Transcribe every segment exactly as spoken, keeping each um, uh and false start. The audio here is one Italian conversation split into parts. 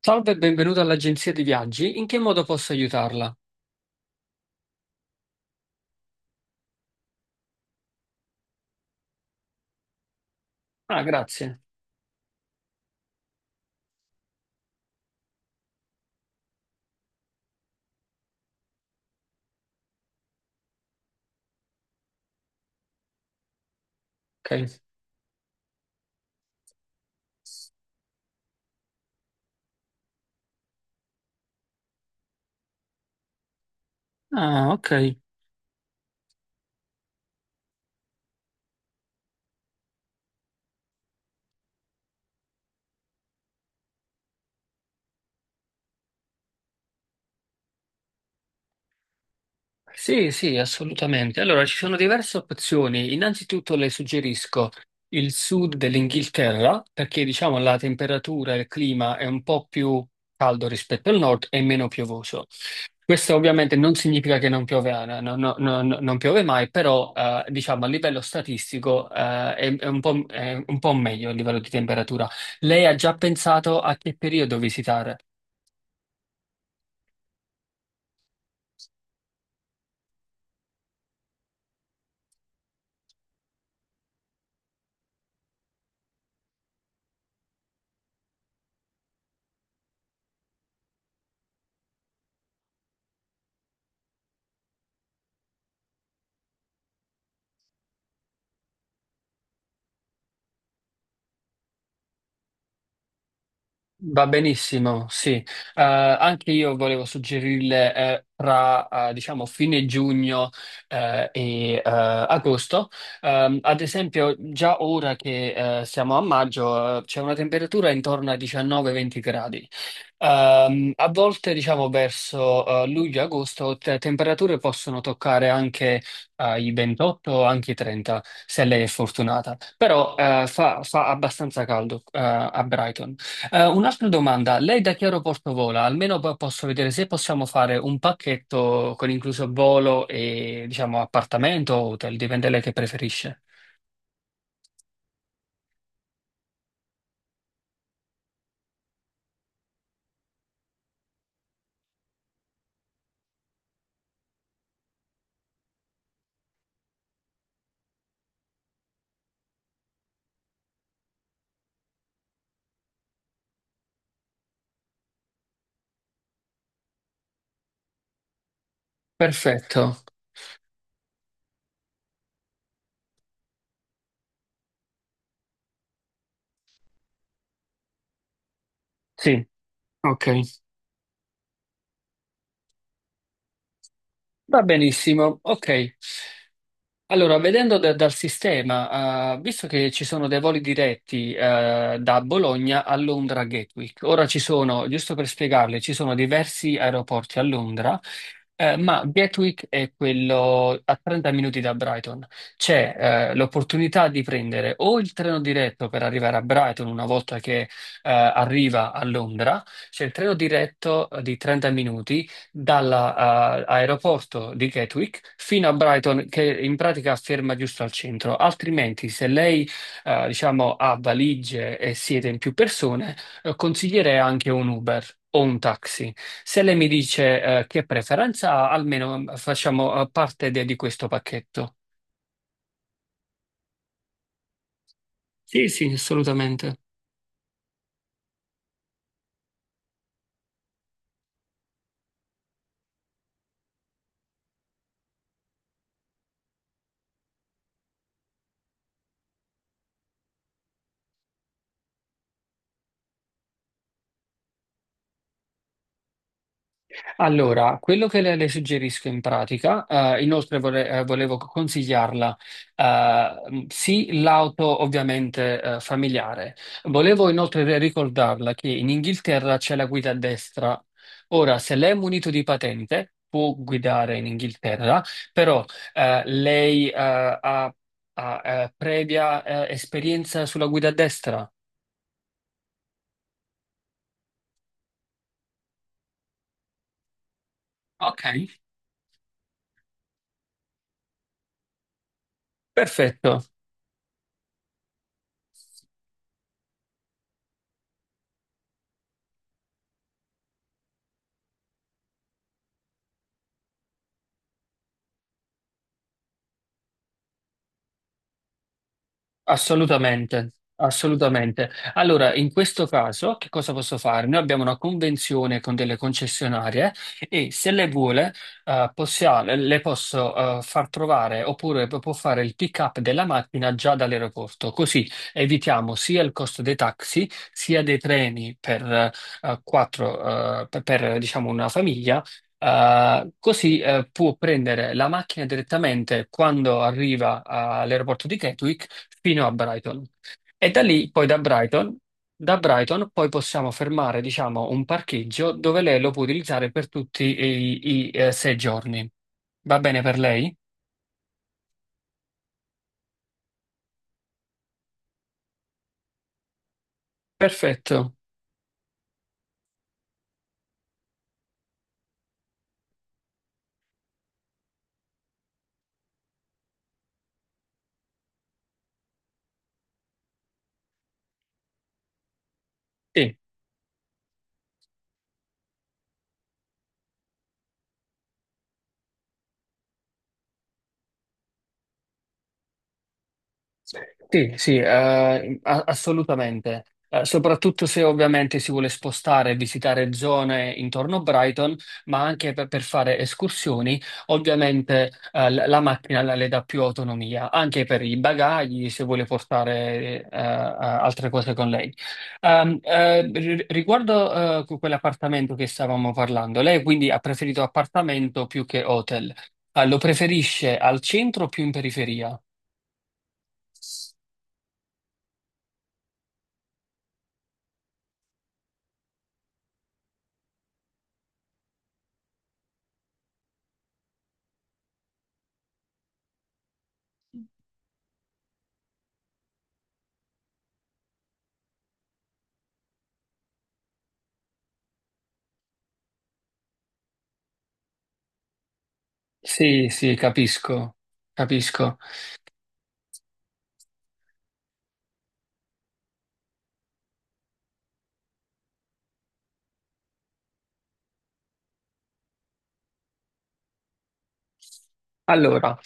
Salve e benvenuto all'agenzia di viaggi. In che modo posso aiutarla? Ah, grazie. Ok. Ah, ok. Sì, sì, assolutamente. Allora, ci sono diverse opzioni. Innanzitutto le suggerisco il sud dell'Inghilterra, perché diciamo la temperatura e il clima è un po' più caldo rispetto al nord e meno piovoso. Questo ovviamente non significa che non piove, eh, no- no- no- no- non piove mai, però eh, diciamo a livello statistico eh, è, è un po', m- è un po' meglio a livello di temperatura. Lei ha già pensato a che periodo visitare? Va benissimo, sì. Eh, anche io volevo suggerirle eh, tra eh, diciamo fine giugno eh, e eh, agosto. Ehm, ad esempio, già ora che eh, siamo a maggio, eh, c'è una temperatura intorno ai diciannove venti gradi. Ehm, a volte, diciamo, verso eh, luglio-agosto, te- temperature possono toccare anche eh, i ventotto, anche i trenta, se lei è fortunata. Però eh, fa, fa abbastanza caldo eh, a Brighton. Eh, un'altra domanda, lei da che aeroporto vola? Almeno po- posso vedere se possiamo fare un pacchetto con incluso volo e diciamo appartamento o hotel, dipende lei che preferisce. Perfetto, sì, ok, va benissimo, ok. Allora, vedendo da- dal sistema, eh, visto che ci sono dei voli diretti, eh, da Bologna a Londra Gatwick, ora ci sono, giusto per spiegarle, ci sono diversi aeroporti a Londra, eh, ma Gatwick è quello a trenta minuti da Brighton. C'è, eh, l'opportunità di prendere o il treno diretto per arrivare a Brighton una volta che, eh, arriva a Londra, c'è il treno diretto eh, di trenta minuti dall'aeroporto di Gatwick fino a Brighton, che in pratica ferma giusto al centro. Altrimenti, se lei, eh, diciamo, ha valigie e siete in più persone, eh, consiglierei anche un Uber. O un taxi. Se lei mi dice, eh, che preferenza ha, almeno eh, facciamo, eh, parte de- di questo pacchetto. Sì, sì, assolutamente. Allora, quello che le, le suggerisco in pratica, eh, inoltre vole- eh, volevo consigliarla, eh, sì, l'auto ovviamente eh, familiare. Volevo inoltre ricordarla che in Inghilterra c'è la guida a destra. Ora, se lei è munito di patente, può guidare in Inghilterra, però eh, lei eh, ha, ha, eh, previa eh, esperienza sulla guida a destra. Ok, perfetto. Assolutamente, assolutamente. Allora, in questo caso, che cosa posso fare? Noi abbiamo una convenzione con delle concessionarie e se le vuole, eh, possia- le posso, eh, far trovare oppure p- può fare il pick-up della macchina già dall'aeroporto. Così evitiamo sia il costo dei taxi, sia dei treni per, eh, quattro, eh, per, per, diciamo, una famiglia. Uh, così eh, può prendere la macchina direttamente quando arriva all'aeroporto di Gatwick fino a Brighton. E da lì, poi da Brighton, da Brighton poi possiamo fermare, diciamo, un parcheggio dove lei lo può utilizzare per tutti i, i, eh, sei giorni. Va bene per lei? Perfetto. Sì. Sì, sì, eh, a- assolutamente. Eh, soprattutto se ovviamente si vuole spostare e visitare zone intorno a Brighton, ma anche per, per fare escursioni, ovviamente eh, la la macchina la- le dà più autonomia, anche per i bagagli, se vuole portare eh, eh, altre cose con lei. Ehm, eh, ri- riguardo eh, que- quell'appartamento che stavamo parlando, lei quindi ha preferito appartamento più che hotel. Eh, lo preferisce al centro o più in periferia? Sì, sì, capisco, capisco. Allora,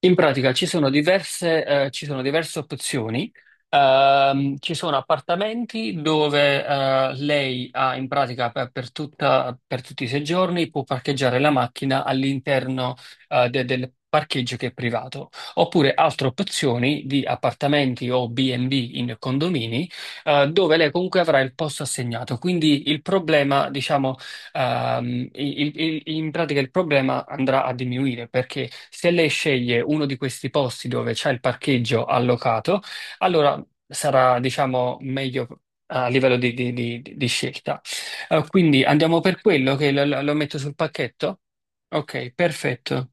in pratica ci sono diverse, eh, ci sono diverse opzioni. Ehm, ci sono appartamenti dove eh, lei ha in pratica per, per tutta- per tutti i sei giorni può parcheggiare la macchina all'interno eh, de- del parcheggio che è privato. Oppure altre opzioni di appartamenti o B and B in condomini eh, dove lei comunque avrà il posto assegnato. Quindi il problema, diciamo. Ehm, il- il- in pratica il problema andrà a diminuire perché se lei sceglie uno di questi posti dove c'è il parcheggio allocato, allora sarà, diciamo, meglio a livello di, di- di- di scelta. Eh, quindi andiamo per quello che lo, lo- lo metto sul pacchetto? Ok, perfetto.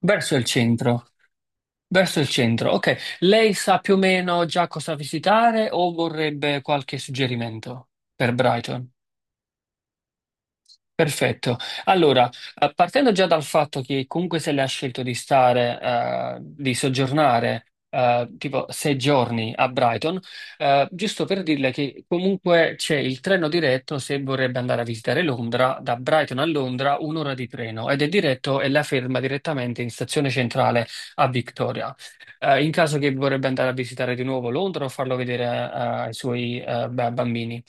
Verso il centro. Verso il centro. Ok, lei sa più o meno già cosa visitare o vorrebbe qualche suggerimento per Brighton? Perfetto. Allora, eh, partendo già dal fatto che comunque se lei ha scelto di stare, eh, di soggiornare, eh, tipo sei giorni a Brighton, eh, giusto per dirle che comunque c'è il treno diretto se vorrebbe andare a visitare Londra, da Brighton a Londra un'ora di treno ed è diretto e la ferma direttamente in stazione centrale a Victoria. Eh, in caso che vorrebbe andare a visitare di nuovo Londra o farlo vedere, eh, ai suoi, eh, ba- bambini.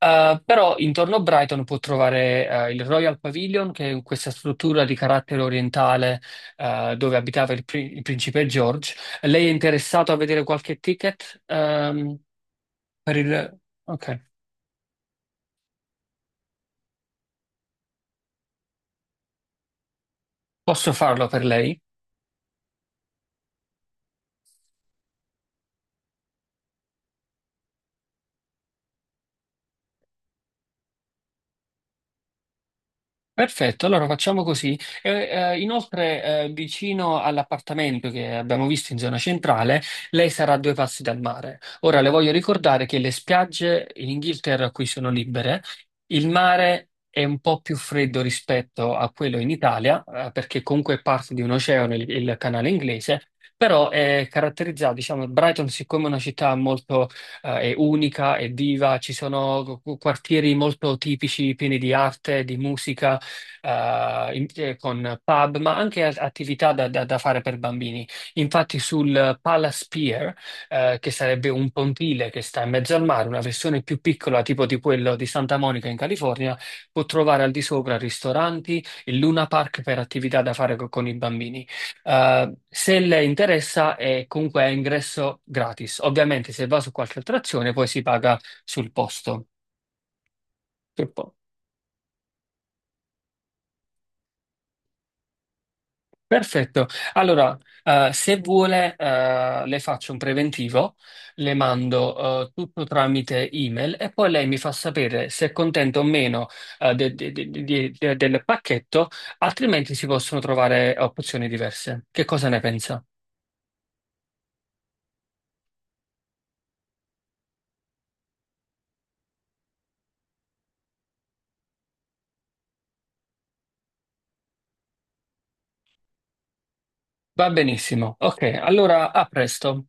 Eh, però intorno a Brighton può trovare eh, il Royal Pavilion, che è questa struttura di carattere orientale eh, dove abitava il, pri- il principe George. Lei è interessato a vedere qualche ticket ehm, per il... Ok, posso farlo per lei. Perfetto, allora facciamo così. Eh, eh, inoltre, eh, vicino all'appartamento che abbiamo visto in zona centrale, lei sarà a due passi dal mare. Ora le voglio ricordare che le spiagge in Inghilterra qui sono libere, il mare è un po' più freddo rispetto a quello in Italia, eh, perché comunque è parte di un oceano, il, il canale inglese, però è caratterizzato, diciamo, Brighton siccome è una città molto eh, è unica, è viva, ci sono quartieri molto tipici, pieni di arte, di musica eh, in- eh, con pub, ma anche a- attività da, da- da fare per bambini. Infatti, sul Palace Pier, eh, che sarebbe un pontile che sta in mezzo al mare, una versione più piccola, tipo di quello di Santa Monica in California, può trovare al di sopra ristoranti e Luna Park per attività da fare co- con i bambini. Eh, se le interessa, è comunque a ingresso gratis. Ovviamente, se va su qualche attrazione, poi si paga sul posto. Sul posto. Perfetto. Allora, eh, se vuole, eh, le faccio un preventivo, le mando, eh, tutto tramite email e poi lei mi fa sapere se è contenta o meno, eh, de- de- de- de- de- del pacchetto, altrimenti si possono trovare opzioni diverse. Che cosa ne pensa? Va benissimo. Ok, allora a presto.